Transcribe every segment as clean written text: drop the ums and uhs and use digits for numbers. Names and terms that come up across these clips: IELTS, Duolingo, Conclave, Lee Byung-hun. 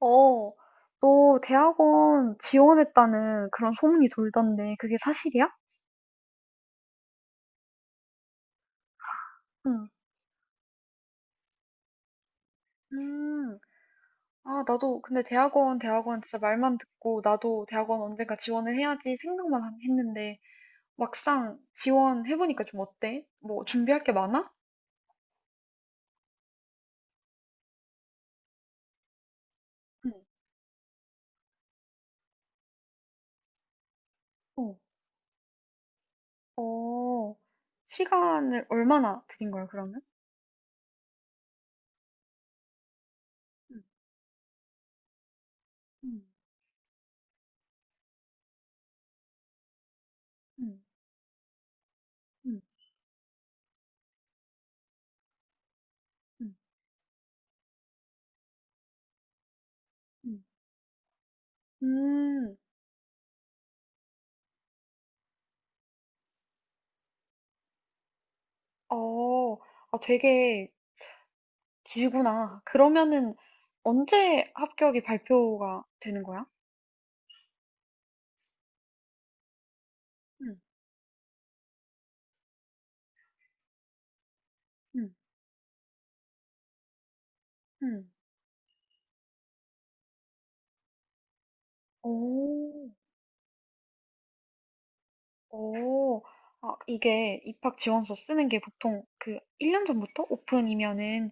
어, 너 대학원 지원했다는 그런 소문이 돌던데 그게 사실이야? 응. 음, 아, 나도, 근데 대학원, 대학원 진짜 말만 듣고, 나도 대학원 언젠가 지원을 해야지 생각만 했는데, 막상 지원해보니까 좀 어때? 뭐, 준비할 게 많아? 응. 어, 어, 시간을 얼마나 드린 거야, 그러면? 응. 응, 응. 응, 응, 응. 음, 어, 아, 되게 길구나. 그러면은 언제 합격이 발표가 되는 거야? 응, 응, 응. 오, 오. 아, 이게 입학 지원서 쓰는 게 보통 그 1년 전부터 오픈이면은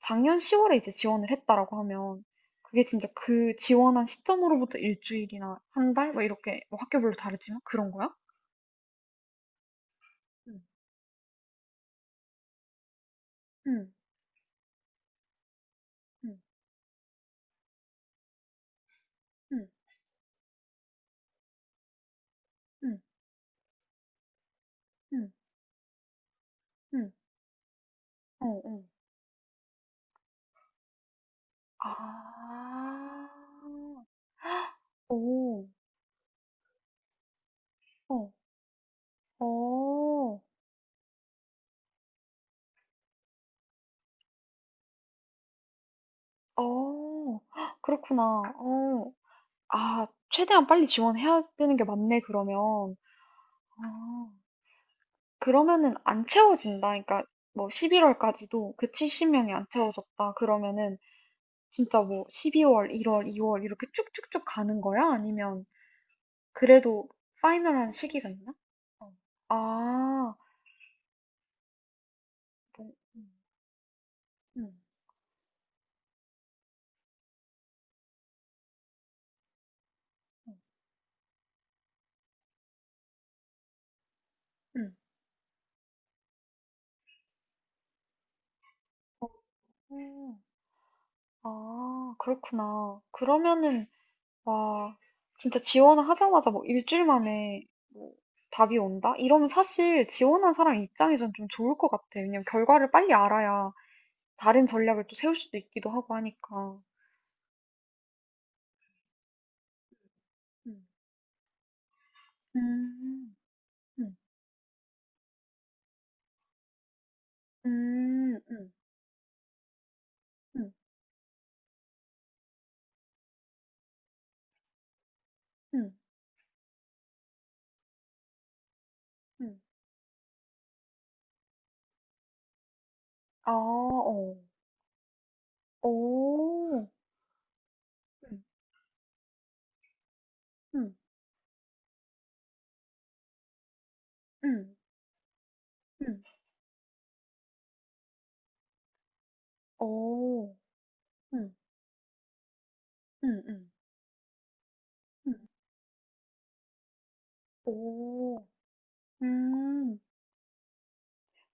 작년 10월에 이제 지원을 했다라고 하면 그게 진짜 그 지원한 시점으로부터 일주일이나 한 달? 막 이렇게 뭐 학교별로 다르지만 그런 거야? 응, 응, 응, 응, 응, 응, 응, 어, 어. 아, 오. 어. 어. 어. 헉, 그렇구나. 어. 아, 최대한 빨리 지원해야 되는 게 맞네 그러면. 아. 그러면은 안 채워진다. 그러니까 뭐 11 월까지도 그 70 명이 안 채워졌다 그러면은 진짜 뭐 12 월, 1 월, 2월 이렇게 쭉쭉쭉 가는 거야? 아니면 그래도 파이널한 시기가 있나? 어. 아. 뭐 음. 음. 음. 어. 아, 그렇구나. 그러면은 와, 진짜 지원을 하자마자 뭐 일주일 만에 뭐 답이 온다? 이러면 사실 지원한 사람 입장에선 좀 좋을 것 같아. 왜냐면 결과를 빨리 알아야 다른 전략을 또 세울 수도 있기도 하고 하니까. 음, 음, 음, 음, 음, 음, 음, 음. 아, 어, 오, 음, 음, 음, 음, 오, 음, 음, 음, 음, 오, 음.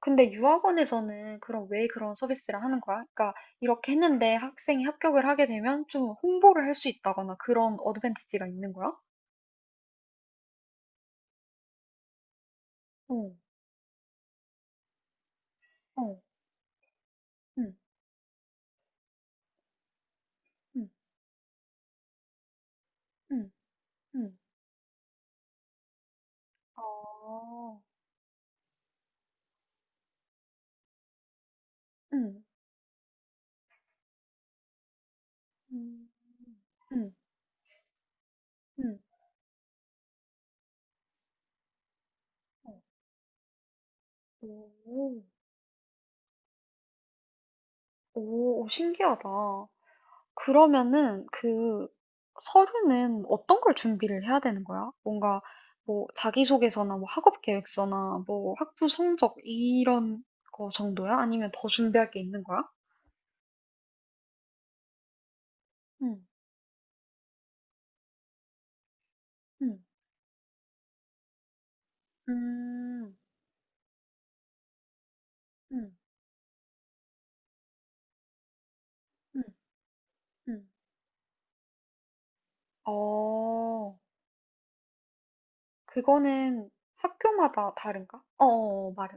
근데 유학원에서는 그럼 왜 그런 서비스를 하는 거야? 그러니까 이렇게 했는데 학생이 합격을 하게 되면 좀 홍보를 할 수 있다거나 그런 어드밴티지가 있는 거야? 어, 어, 응, 응, 응, 응. 아, 응, 응, 응, 응. 어, 오, 오, 신기하다. 그러면은 그 서류는 어떤 걸 준비를 해야 되는 거야? 뭔가 뭐 자기소개서나 뭐 학업 계획서나 뭐 학부 성적 이런 거 정도야? 아니면 더 준비할 게 있는 거야? 응, 응, 음, 음, 음, 음. 어, 그거는 학교마다 다른가? 어, 어, 어, 말해.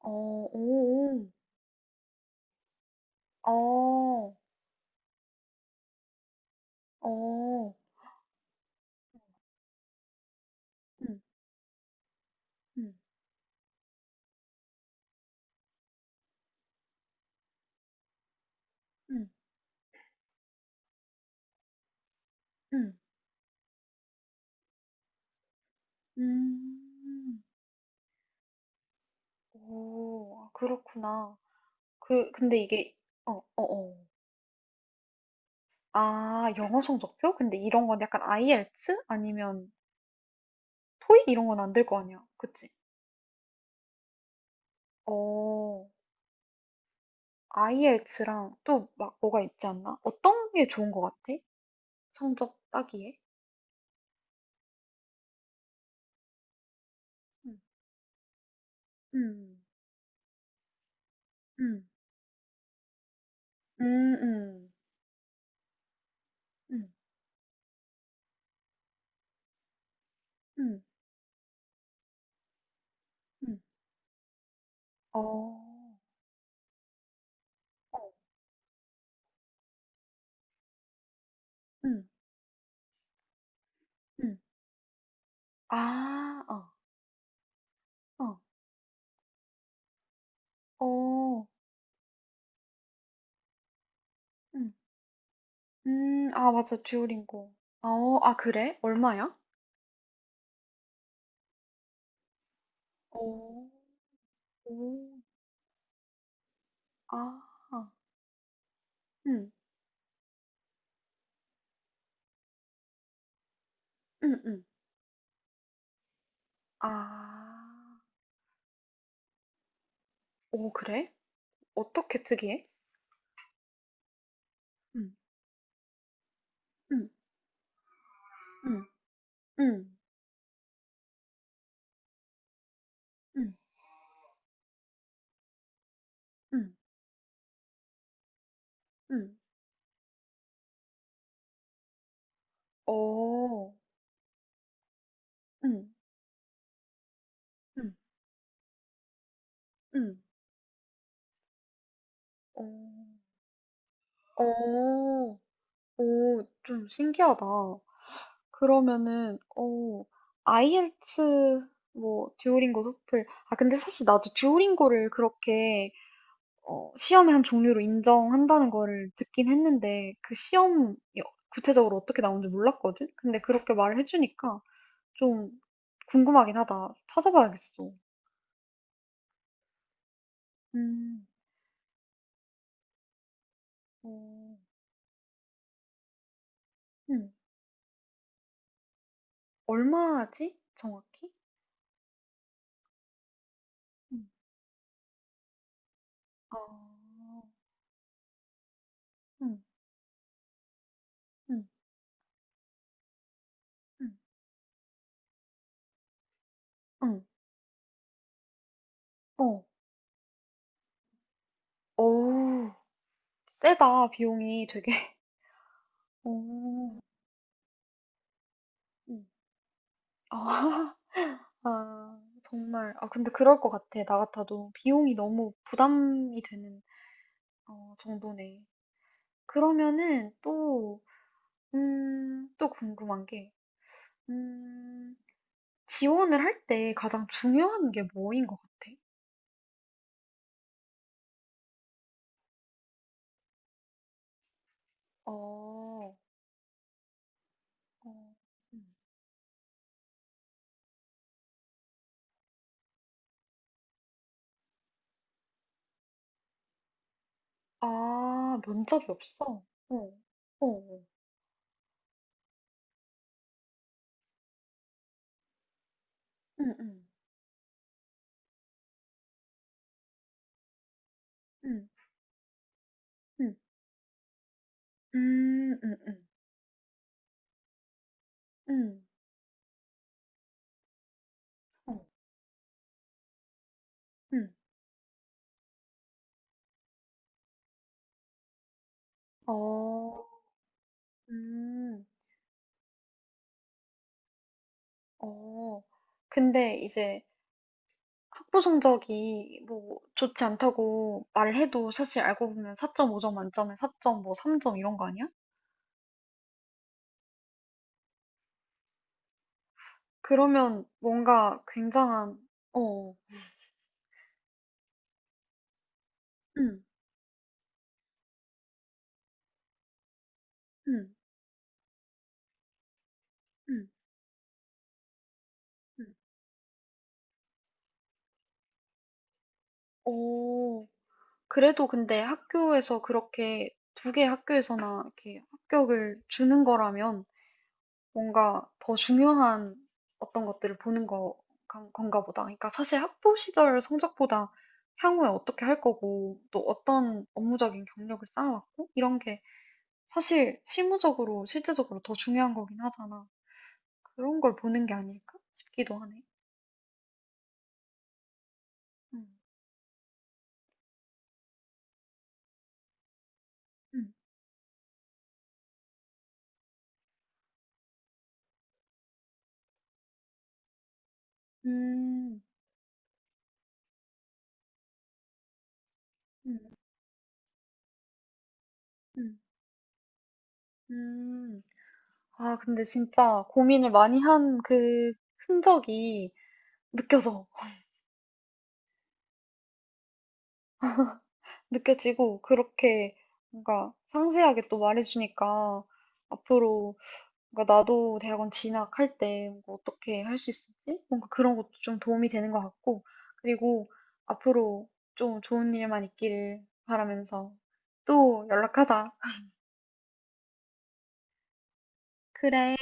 어, 오, 오, 어, 어, 응응 음, 음. 음. 오. 아, 그렇구나. 그 근데 이게 어 어어. 아, 영어 성적표? 근데 이런 건 약간 IELTS 아니면 토익 이런 건 안될 거 아니야. 그치? 어. IELTS랑 또 막 뭐가 있지 않나? 어떤 게 좋은 거 같아? 성적 따기에? 음. 음. 음. 음음. 음. 음. 음. 음. 어. 어. 음. 음. 아. 어. 어. 어. 음. 아, 맞아. 듀오링고. 아, 어, 아, 그래? 얼마야? 오, 오, 아, 응, 응, 응. 아, 오, 그래? 어떻게 특이해? 응, 응, 응, 응, 응, 응, 응. 오, 응, 응, 응. 오, 오, 오, 좀 신기하다. 그러면은, 오, 아이엘츠.. 뭐, 듀오링고, 토플. 아, 근데 사실 나도 듀오링고를 그렇게 어, 시험을 한 종류로 인정한다는 거를 듣긴 했는데, 그 시험이 구체적으로 어떻게 나오는지 몰랐거든? 근데 그렇게 말을 해주니까 좀 궁금하긴 하다. 찾아봐야겠어. 음, 어, 음, 얼마지? 정확히? 음, 아, 음, 음, 음, 음, 어, 오, 세다, 비용이 되게. 오, 음. 아. 아, 정말. 아, 근데 그럴 것 같아. 나 같아도 비용이 너무 부담이 되는 어 정도네. 그러면은 또 또 궁금한 게 음 지원을 할 때 가장 중요한 게 뭐인 것 같아? 어. 어. 음. 아, 면접이 없어? 어. 어 어. 응, 응, 응, 응, 음음. 음. 어. 음. 어. 음. 어, 근데 이제 학부 성적이 뭐 좋지 않다고 말을 해도 사실 알고 보면 4.5점 만점에 4점 뭐 3점 이런 거 아니야? 그러면 뭔가 굉장한, 어, 응, 응, 응, 응. 어, 그래도 근데 학교에서 그렇게 두 개 학교에서나 이렇게 합격을 주는 거라면 뭔가 더 중요한 어떤 것들을 보는 거, 건가 보다. 그러니까 사실 학부 시절 성적보다 향후에 어떻게 할 거고, 또 어떤 업무적인 경력을 쌓아왔고, 이런 게 사실 실무적으로, 실제적으로 더 중요한 거긴 하잖아. 그런 걸 보는 게 아닐까 싶기도 하네. 음, 음, 음, 음, 음, 음. 아, 근데 진짜 고민을 많이 한 그 흔적이 느껴져. 느껴지고 그렇게 뭔가 상세하게 또 말해주니까 앞으로 뭔가 나도 대학원 진학할 때 뭔가 어떻게 할 수 있을지 뭔가 그런 것도 좀 도움이 되는 것 같고 그리고 앞으로 좀 좋은 일만 있기를 바라면서 또 연락하자. 그래.